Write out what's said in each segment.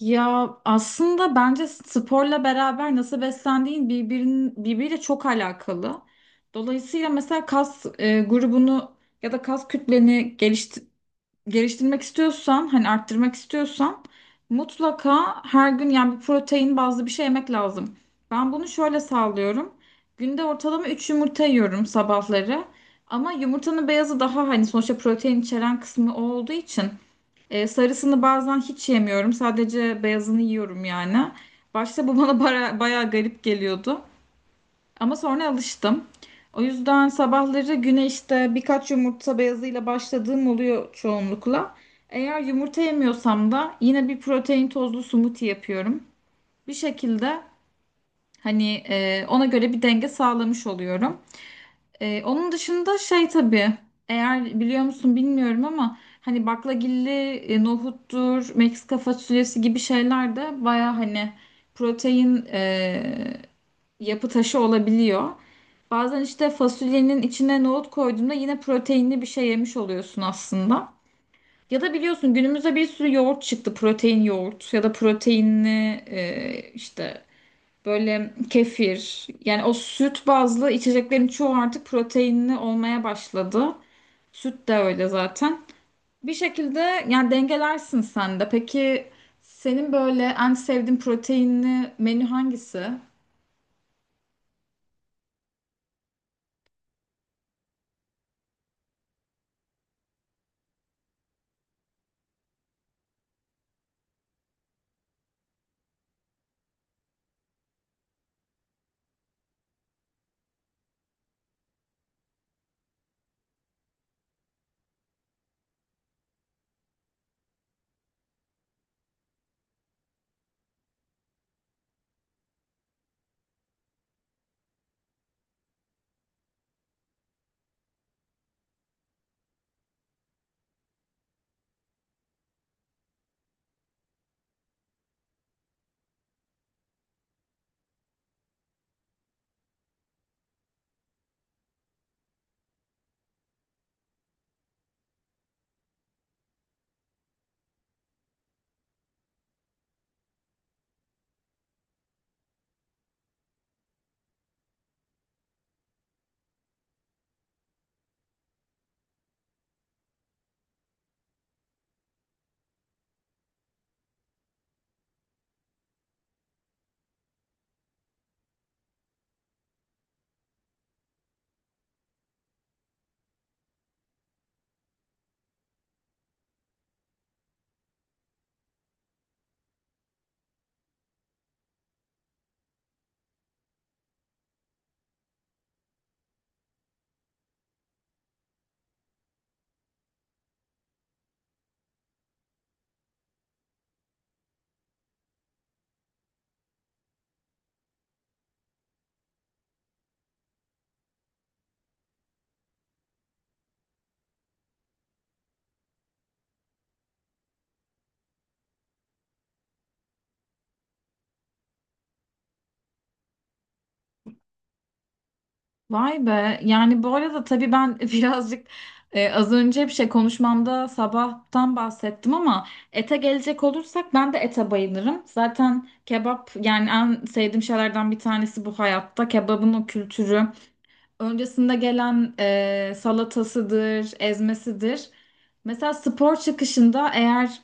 Ya aslında bence sporla beraber nasıl beslendiğin birbiriyle çok alakalı. Dolayısıyla mesela kas grubunu ya da kas kütleni geliştirmek istiyorsan, hani arttırmak istiyorsan mutlaka her gün yani bir protein bazlı bir şey yemek lazım. Ben bunu şöyle sağlıyorum. Günde ortalama 3 yumurta yiyorum sabahları. Ama yumurtanın beyazı daha hani sonuçta protein içeren kısmı o olduğu için sarısını bazen hiç yemiyorum. Sadece beyazını yiyorum yani. Başta bu bana bayağı garip geliyordu. Ama sonra alıştım. O yüzden sabahları güne işte birkaç yumurta beyazıyla başladığım oluyor çoğunlukla. Eğer yumurta yemiyorsam da yine bir protein tozlu smoothie yapıyorum. Bir şekilde hani ona göre bir denge sağlamış oluyorum. Onun dışında şey tabii eğer biliyor musun bilmiyorum ama hani baklagilli nohuttur, Meksika fasulyesi gibi şeyler de baya hani protein yapı taşı olabiliyor. Bazen işte fasulyenin içine nohut koyduğunda yine proteinli bir şey yemiş oluyorsun aslında. Ya da biliyorsun günümüzde bir sürü yoğurt çıktı. Protein yoğurt ya da proteinli işte böyle kefir. Yani o süt bazlı içeceklerin çoğu artık proteinli olmaya başladı. Süt de öyle zaten. Bir şekilde yani dengelersin sen de. Peki senin böyle en sevdiğin proteinli menü hangisi? Vay be. Yani bu arada tabii ben birazcık az önce bir şey konuşmamda sabahtan bahsettim ama ete gelecek olursak ben de ete bayılırım. Zaten kebap yani en sevdiğim şeylerden bir tanesi bu hayatta. Kebabın o kültürü. Öncesinde gelen salatasıdır, ezmesidir. Mesela spor çıkışında eğer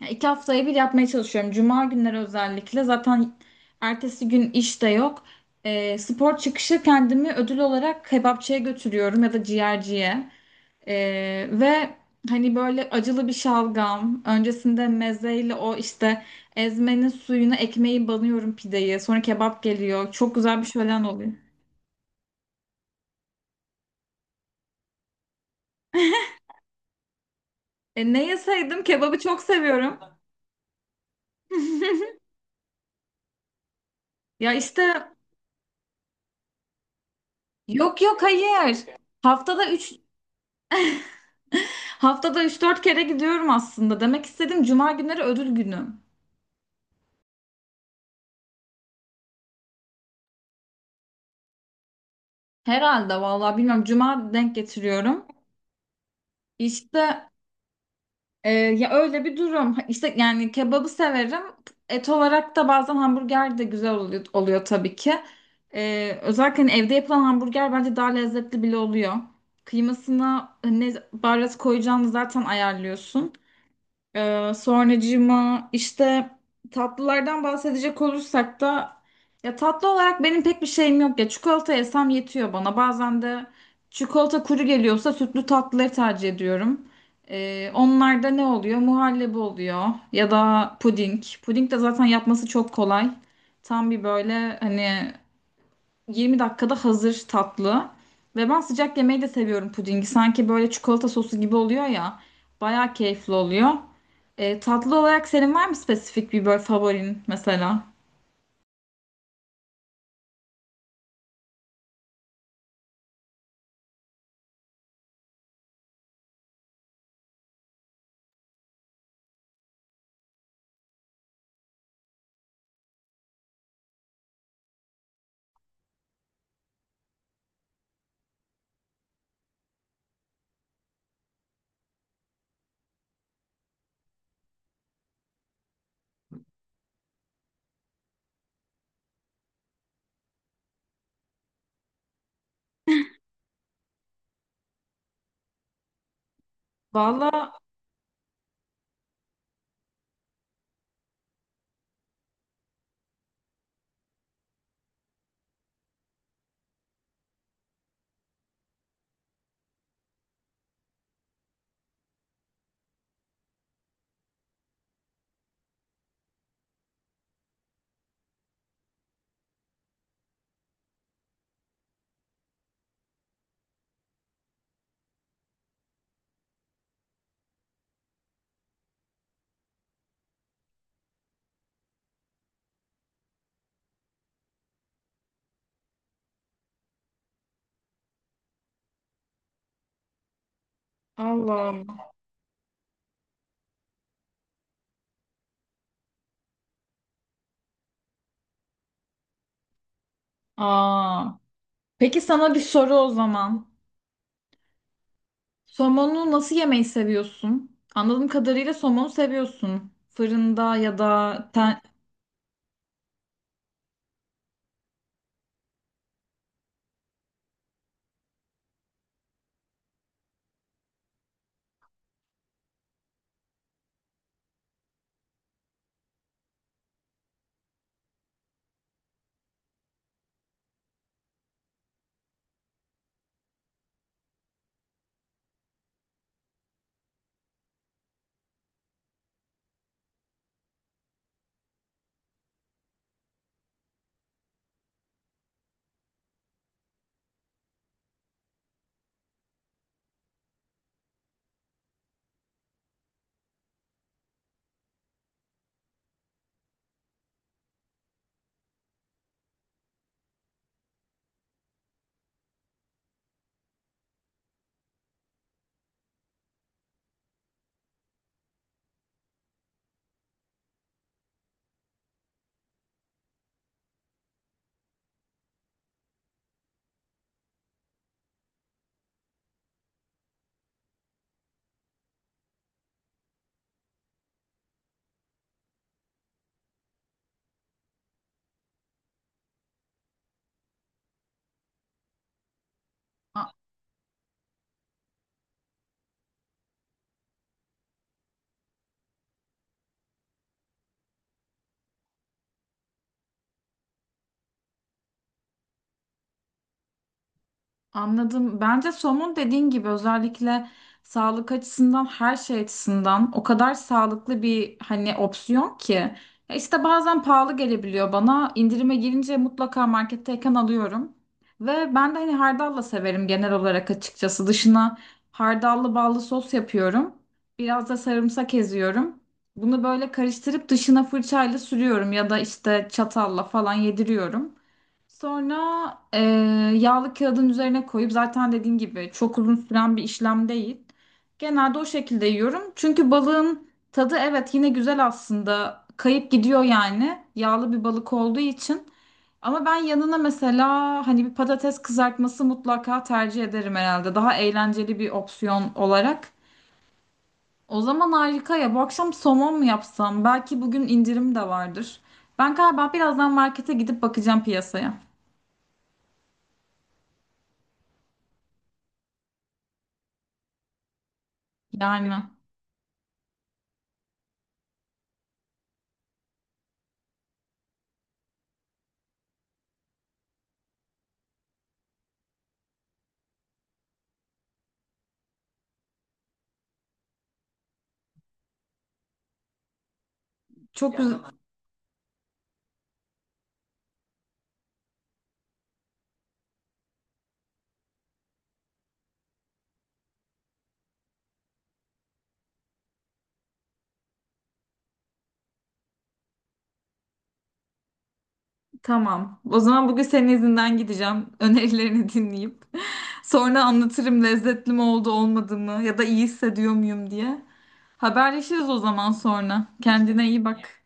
yani iki haftaya bir yapmaya çalışıyorum. Cuma günleri özellikle. Zaten ertesi gün iş de yok. Spor çıkışı kendimi ödül olarak kebapçıya götürüyorum ya da ciğerciye. Ve hani böyle acılı bir şalgam. Öncesinde mezeyle o işte ezmenin suyuna ekmeği banıyorum pideyi. Sonra kebap geliyor. Çok güzel bir şölen oluyor. Ne yeseydim? Kebabı çok seviyorum. Ya işte yok yok, hayır. Haftada 3 Haftada üç dört kere gidiyorum aslında. Demek istedim cuma günleri ödül günüm. Herhalde, vallahi bilmiyorum. Cuma denk getiriyorum. İşte ya öyle bir durum. İşte yani kebabı severim. Et olarak da bazen hamburger de güzel oluyor, oluyor tabii ki. Özellikle hani evde yapılan hamburger bence daha lezzetli bile oluyor. Kıymasına ne baharat koyacağını zaten ayarlıyorsun. Sonracığıma işte tatlılardan bahsedecek olursak da ya tatlı olarak benim pek bir şeyim yok ya çikolata yesem yetiyor bana, bazen de çikolata kuru geliyorsa sütlü tatlıları tercih ediyorum. Onlarda ne oluyor? Muhallebi oluyor ya da puding. Puding de zaten yapması çok kolay. Tam bir böyle hani 20 dakikada hazır tatlı. Ve ben sıcak yemeği de seviyorum pudingi. Sanki böyle çikolata sosu gibi oluyor ya. Bayağı keyifli oluyor. Tatlı olarak senin var mı spesifik bir böyle favorin mesela? Valla Allah Allah. Aa. Peki sana bir soru o zaman. Somonu nasıl yemeyi seviyorsun? Anladığım kadarıyla somonu seviyorsun. Fırında ya da ten... Anladım. Bence somun dediğin gibi özellikle sağlık açısından her şey açısından o kadar sağlıklı bir hani opsiyon ki. Ya işte bazen pahalı gelebiliyor bana. İndirime girince mutlaka marketteyken alıyorum. Ve ben de hani hardalla severim genel olarak açıkçası. Dışına hardallı ballı sos yapıyorum. Biraz da sarımsak eziyorum. Bunu böyle karıştırıp dışına fırçayla sürüyorum ya da işte çatalla falan yediriyorum. Sonra yağlı kağıdın üzerine koyup zaten dediğim gibi çok uzun süren bir işlem değil. Genelde o şekilde yiyorum. Çünkü balığın tadı evet yine güzel aslında. Kayıp gidiyor yani. Yağlı bir balık olduğu için. Ama ben yanına mesela hani bir patates kızartması mutlaka tercih ederim herhalde. Daha eğlenceli bir opsiyon olarak. O zaman harika ya. Bu akşam somon mu yapsam? Belki bugün indirim de vardır. Ben galiba birazdan markete gidip bakacağım piyasaya. Yani. Çok güzel. Tamam. O zaman bugün senin izinden gideceğim. Önerilerini dinleyip. Sonra anlatırım lezzetli mi oldu olmadı mı ya da iyi hissediyor muyum diye. Haberleşiriz o zaman sonra. Kendine iyi bak.